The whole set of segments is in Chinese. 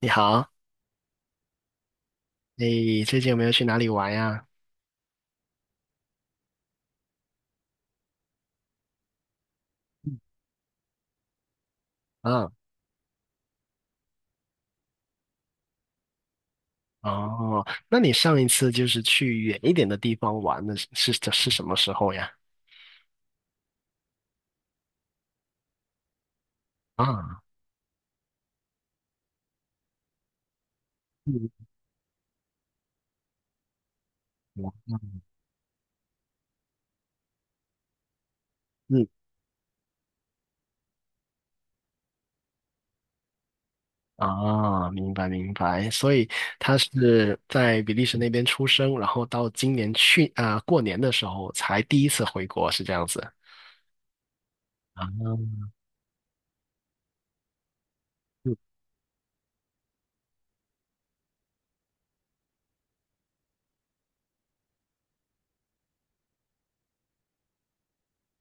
你好，你最近有没有去哪里玩呀？啊，哦，那你上一次就是去远一点的地方玩的是什么时候呀？啊，嗯嗯，啊，明白明白。所以他是在比利时那边出生，然后到今年去啊、过年的时候才第一次回国，是这样子。啊，嗯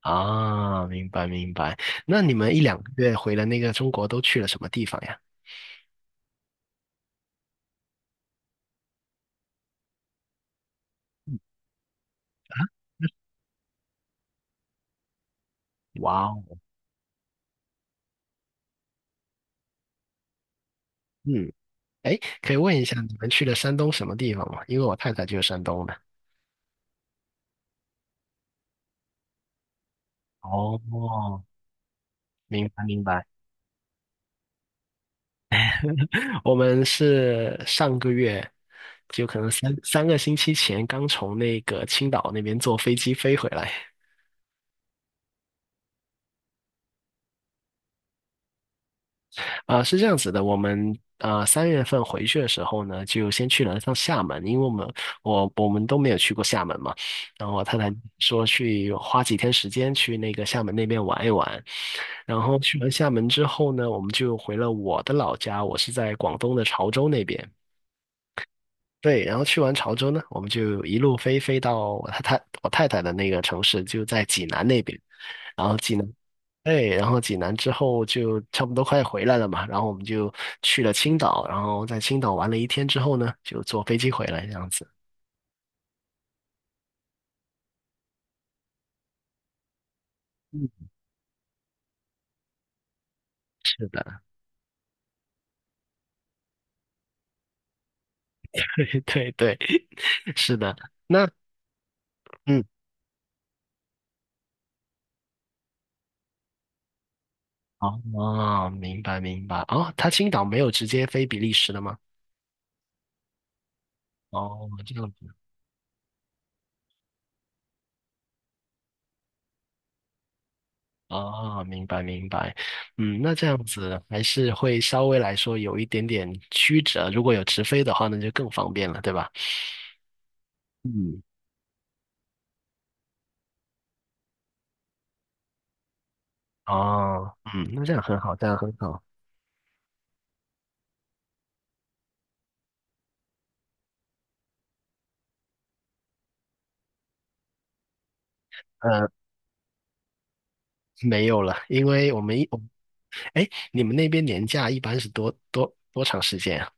啊，明白明白。那你们一两个月回了那个中国都去了什么地方呀？嗯啊，哇哦，嗯。哎，可以问一下你们去了山东什么地方吗？因为我太太就是山东的。哦，明白明白。我们是上个月，就可能三个星期前刚从那个青岛那边坐飞机飞回来。啊，是这样子的，我们啊3月份回去的时候呢，就先去了趟厦门，因为我们我们都没有去过厦门嘛，然后我太太说去花几天时间去那个厦门那边玩一玩，然后去完厦门之后呢，我们就回了我的老家，我是在广东的潮州那边。对，然后去完潮州呢，我们就一路飞到我太太的那个城市，就在济南那边。然后济南，对，然后济南之后就差不多快回来了嘛，然后我们就去了青岛，然后在青岛玩了一天之后呢，就坐飞机回来这样子。是的，对，是的。那嗯，哦，明白明白。哦，他青岛没有直接飞比利时的吗？哦，这样子。哦，明白明白，嗯，那这样子还是会稍微来说有一点点曲折，如果有直飞的话，那就更方便了，对吧？嗯，哦，嗯，那这样很好，这样很好。呃，没有了，因为我们一，哎，你们那边年假一般是多长时间啊？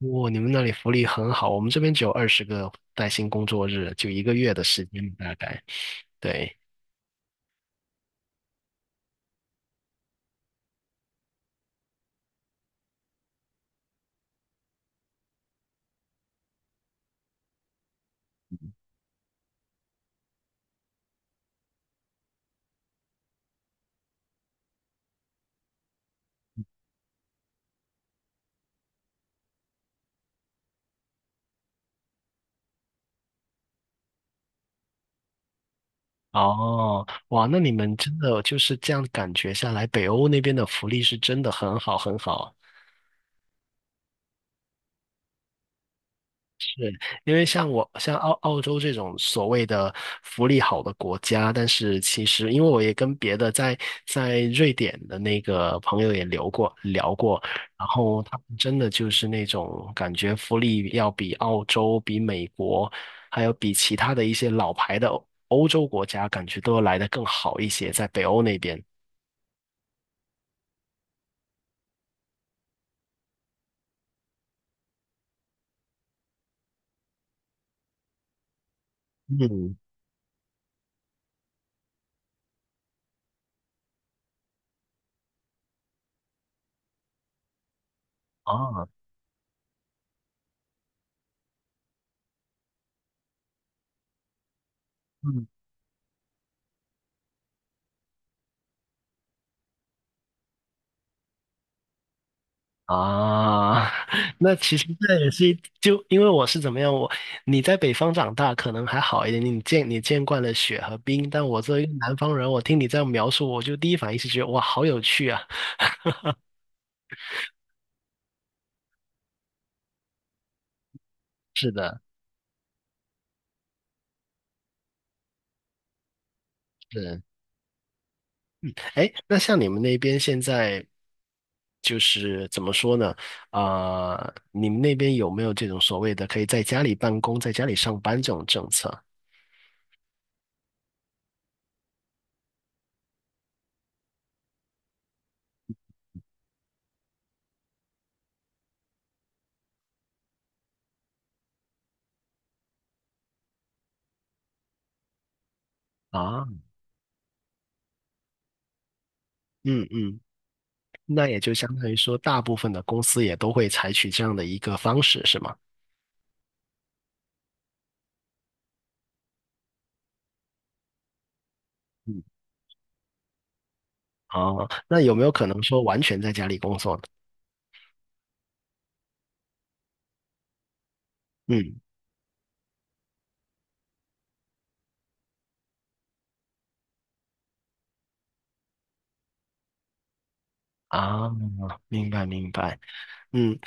哇，你们那里福利很好，我们这边只有20个带薪工作日，就一个月的时间大概。对，哦，哇，那你们真的就是这样感觉下来，北欧那边的福利是真的很好。因为像我像澳洲这种所谓的福利好的国家，但是其实因为我也跟别的在在瑞典的那个朋友也聊过，然后他们真的就是那种感觉福利要比澳洲、比美国，还有比其他的一些老牌的欧洲国家，感觉都要来得更好一些，在北欧那边。嗯，啊。嗯。啊，那其实那也是一就因为我是怎么样，我你在北方长大可能还好一点，你见你见惯了雪和冰，但我作为一个南方人，我听你这样描述，我就第一反应是觉得哇，好有趣啊！是的，是。哎，那像你们那边现在就是怎么说呢？啊、你们那边有没有这种所谓的可以在家里办公、在家里上班这种政策啊？嗯嗯，那也就相当于说，大部分的公司也都会采取这样的一个方式，是吗？哦，那有没有可能说完全在家里工作呢？嗯，啊，明白明白，嗯，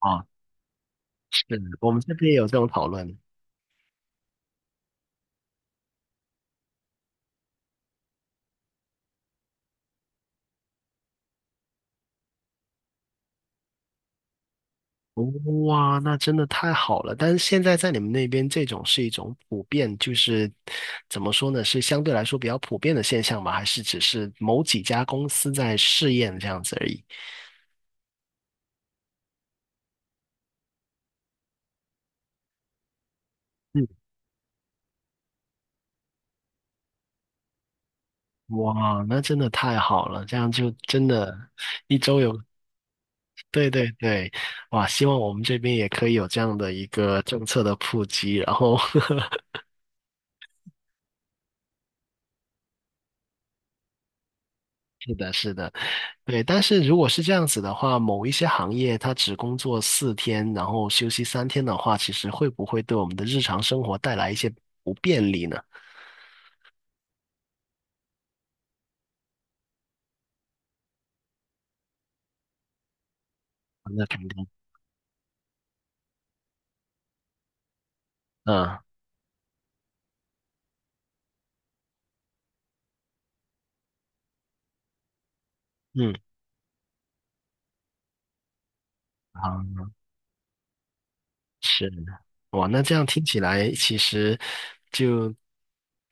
啊，是我们这边也有这种讨论。哇，那真的太好了！但是现在在你们那边，这种是一种普遍，就是怎么说呢？是相对来说比较普遍的现象吗？还是只是某几家公司在试验这样子而已？嗯，哇，那真的太好了！这样就真的，一周有对对对，哇！希望我们这边也可以有这样的一个政策的普及。然后，是的，是的，对。但是如果是这样子的话，某一些行业它只工作4天，然后休息3天的话，其实会不会对我们的日常生活带来一些不便利呢？那肯定，嗯嗯，啊，是哇。那这样听起来，其实就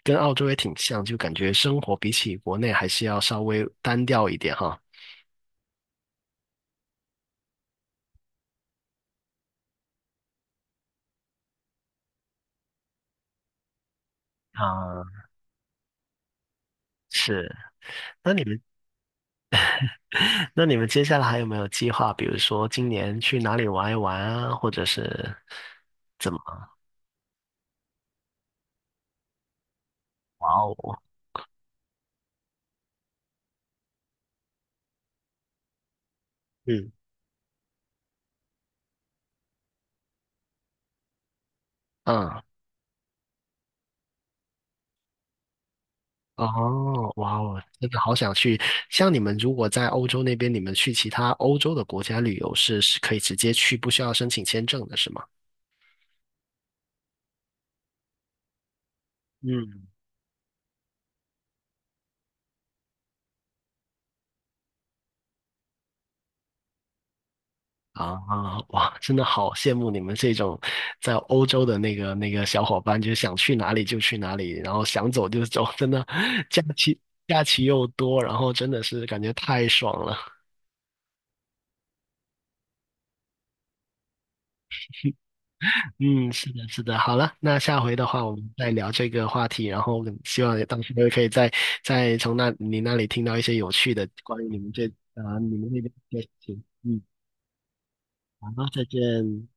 跟澳洲也挺像，就感觉生活比起国内还是要稍微单调一点哈。啊，是。那你们，那你们接下来还有没有计划？比如说今年去哪里玩一玩啊，或者是怎么？哇哦，嗯嗯，哦，哇哦，真的好想去。像你们如果在欧洲那边，你们去其他欧洲的国家旅游是可以直接去，不需要申请签证的，是吗？嗯啊，哇，真的好羡慕你们这种在欧洲的那个小伙伴，就是想去哪里就去哪里，然后想走就走，真的假期假期又多，然后真的是感觉太爽了。嗯，是的，是的。好了，那下回的话我们再聊这个话题，然后希望到时候可以再从那你那里听到一些有趣的关于你们这啊、你们那边的事情。嗯，好，再见。